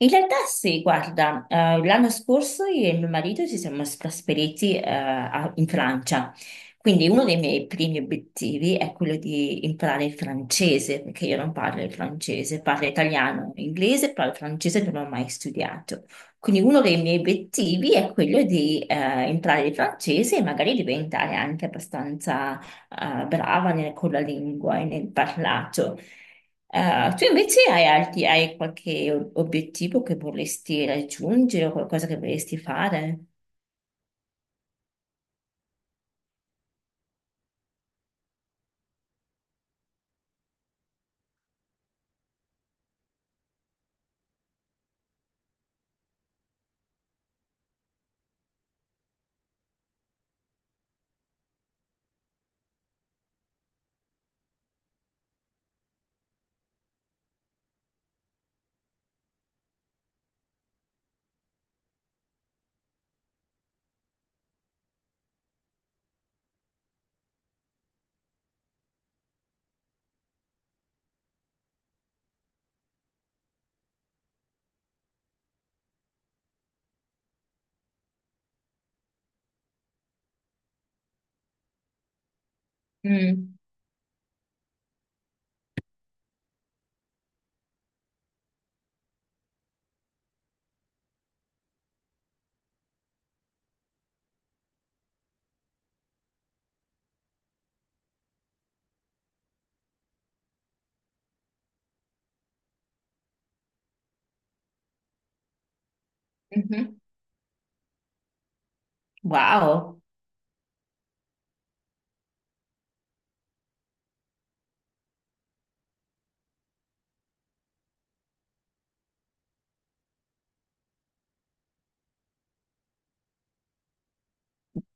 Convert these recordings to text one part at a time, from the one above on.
In realtà sì, guarda, l'anno scorso io e mio marito ci siamo trasferiti in Francia, quindi uno dei miei primi obiettivi è quello di imparare il francese, perché io non parlo il francese, parlo italiano, inglese, parlo francese, non ho mai studiato. Quindi uno dei miei obiettivi è quello di imparare il francese e magari diventare anche abbastanza brava con la lingua e nel parlato. Ah, tu invece hai, hai qualche obiettivo che vorresti raggiungere o qualcosa che vorresti fare? Mm, mhm. Wow,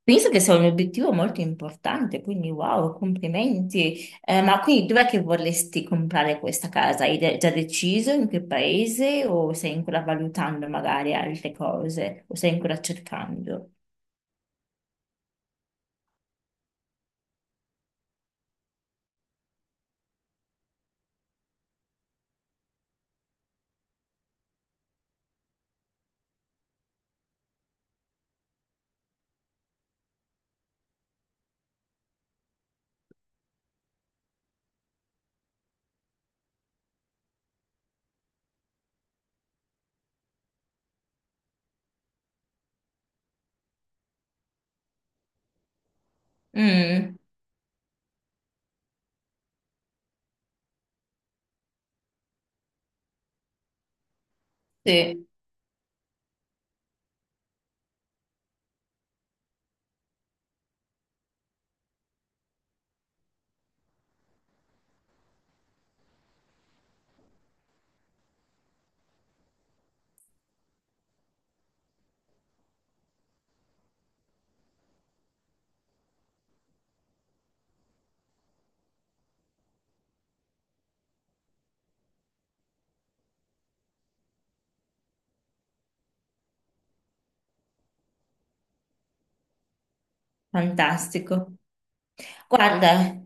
penso che sia un obiettivo molto importante, quindi wow, complimenti. Ma quindi dov'è che vorresti comprare questa casa? Hai già deciso in che paese o stai ancora valutando magari altre cose o stai ancora cercando? Mm, sì, fantastico. Guarda,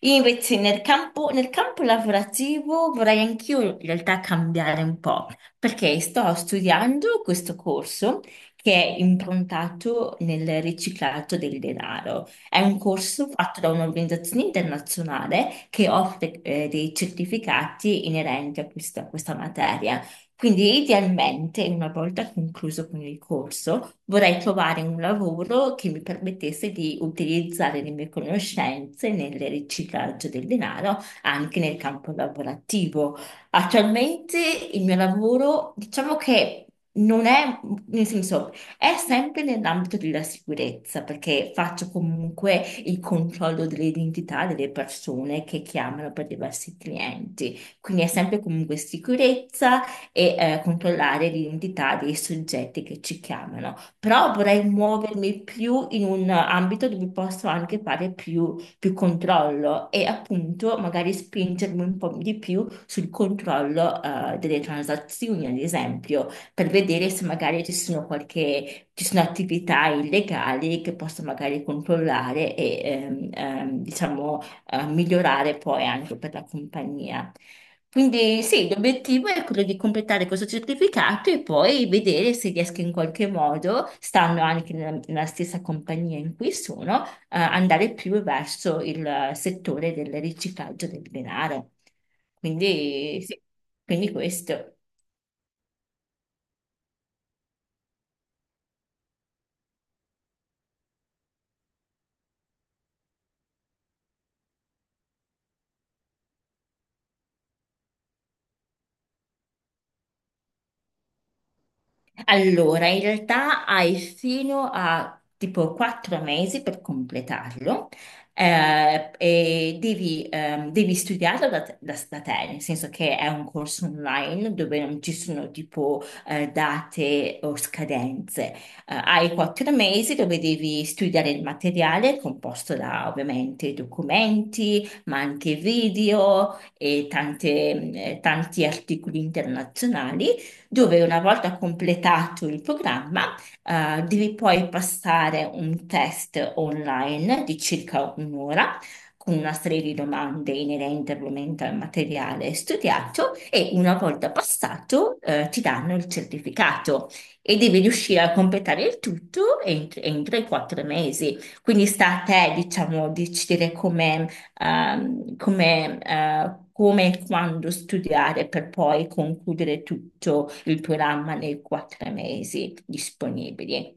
io invece nel campo lavorativo vorrei anch'io in realtà cambiare un po', perché sto studiando questo corso che è improntato nel riciclaggio del denaro. È un corso fatto da un'organizzazione internazionale che offre dei certificati inerenti a a questa materia. Quindi idealmente, una volta concluso con il corso, vorrei trovare un lavoro che mi permettesse di utilizzare le mie conoscenze nel riciclaggio del denaro anche nel campo lavorativo. Attualmente il mio lavoro, diciamo che non è, nel senso, è sempre nell'ambito della sicurezza, perché faccio comunque il controllo dell'identità delle persone che chiamano per diversi clienti. Quindi è sempre comunque sicurezza e controllare l'identità dei soggetti che ci chiamano. Però vorrei muovermi più in un ambito dove posso anche fare più controllo e appunto magari spingermi un po' di più sul controllo delle transazioni, ad esempio, per vedere se magari ci sono attività illegali che posso magari controllare e diciamo migliorare poi anche per la compagnia. Quindi sì, l'obiettivo è quello di completare questo certificato e poi vedere se riesco in qualche modo, stando anche nella stessa compagnia in cui sono, andare più verso il settore del riciclaggio del denaro. Quindi sì, quindi questo. Allora, in realtà hai fino a tipo 4 mesi per completarlo e devi, devi studiarlo da te, nel senso che è un corso online dove non ci sono tipo date o scadenze. Hai 4 mesi dove devi studiare il materiale composto da ovviamente documenti, ma anche video e tanti articoli internazionali dove una volta completato il programma, devi poi passare un test online di circa un'ora, con una serie di domande inerente ovviamente al materiale studiato e una volta passato, ti danno il certificato e devi riuscire a completare il tutto entro i 4 mesi. Quindi sta a te, diciamo, decidere come come e quando studiare per poi concludere tutto il programma nei 4 mesi disponibili.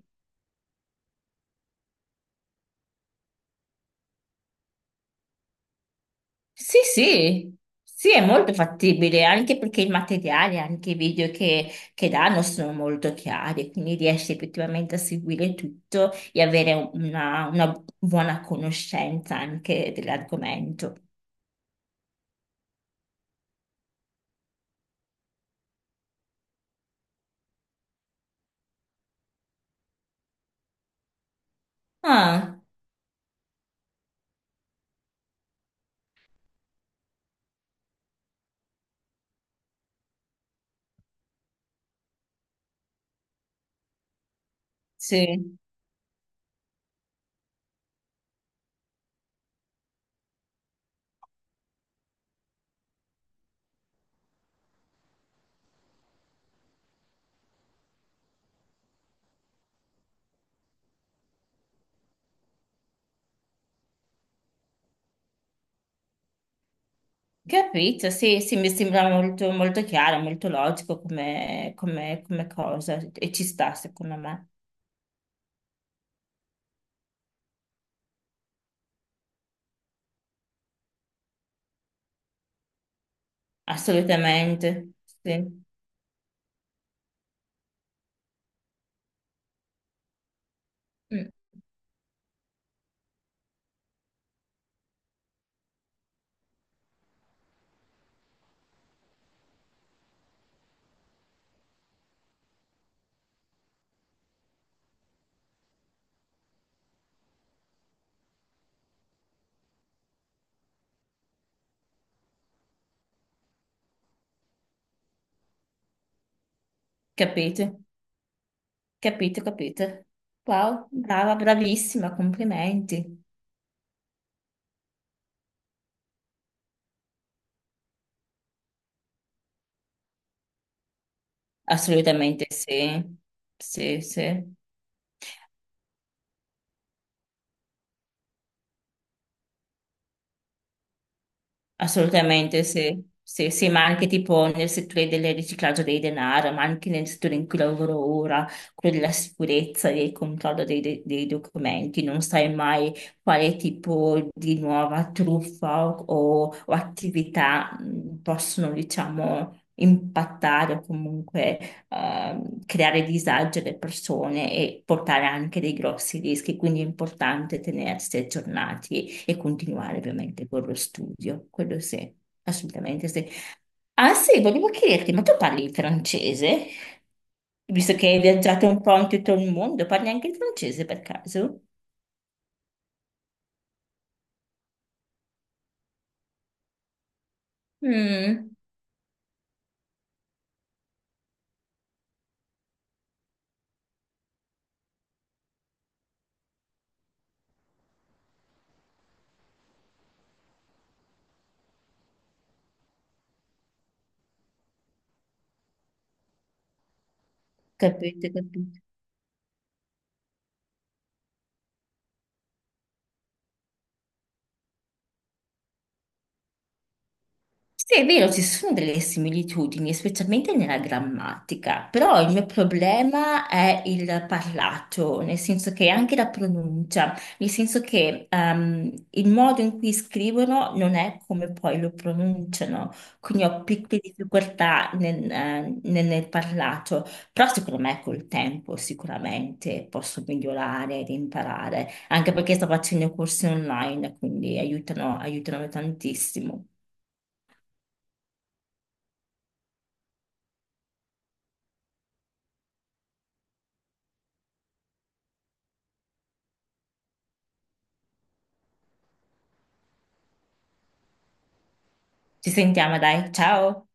Sì, sì, sì, è molto fattibile, anche perché i materiali, anche i video che danno sono molto chiari, quindi riesci effettivamente a seguire tutto e avere una buona conoscenza anche dell'argomento. Ah, sì. Capito, sì, sì, mi sembra molto, molto chiaro, molto logico come, come cosa e ci sta secondo me, assolutamente, sì. Mm, capito, capito, capito, wow, brava, bravissima, complimenti, assolutamente sì, sì, sì. Assolutamente sì. Sì, sì, ma anche tipo nel settore del riciclaggio dei denaro, ma anche nel settore in cui lavoro ora, quello della sicurezza e del controllo dei, dei documenti, non sai mai quale tipo di nuova truffa o attività possono, diciamo, impattare o comunque creare disagio alle persone e portare anche dei grossi rischi, quindi è importante tenersi aggiornati e continuare ovviamente con lo studio, quello sì, assolutamente sì. Ah sì, volevo chiederti, ma tu parli il francese? Visto che hai viaggiato un po' in tutto il mondo, parli anche il francese per caso? Mm, capito, capito. Sì, è vero, ci sono delle similitudini, specialmente nella grammatica, però il mio problema è il parlato, nel senso che anche la pronuncia, nel senso che il modo in cui scrivono non è come poi lo pronunciano, quindi ho piccole difficoltà nel, nel parlato, però secondo me col tempo sicuramente posso migliorare ed imparare, anche perché sto facendo corsi online, quindi aiutano tantissimo. Ci sentiamo, dai. Ciao.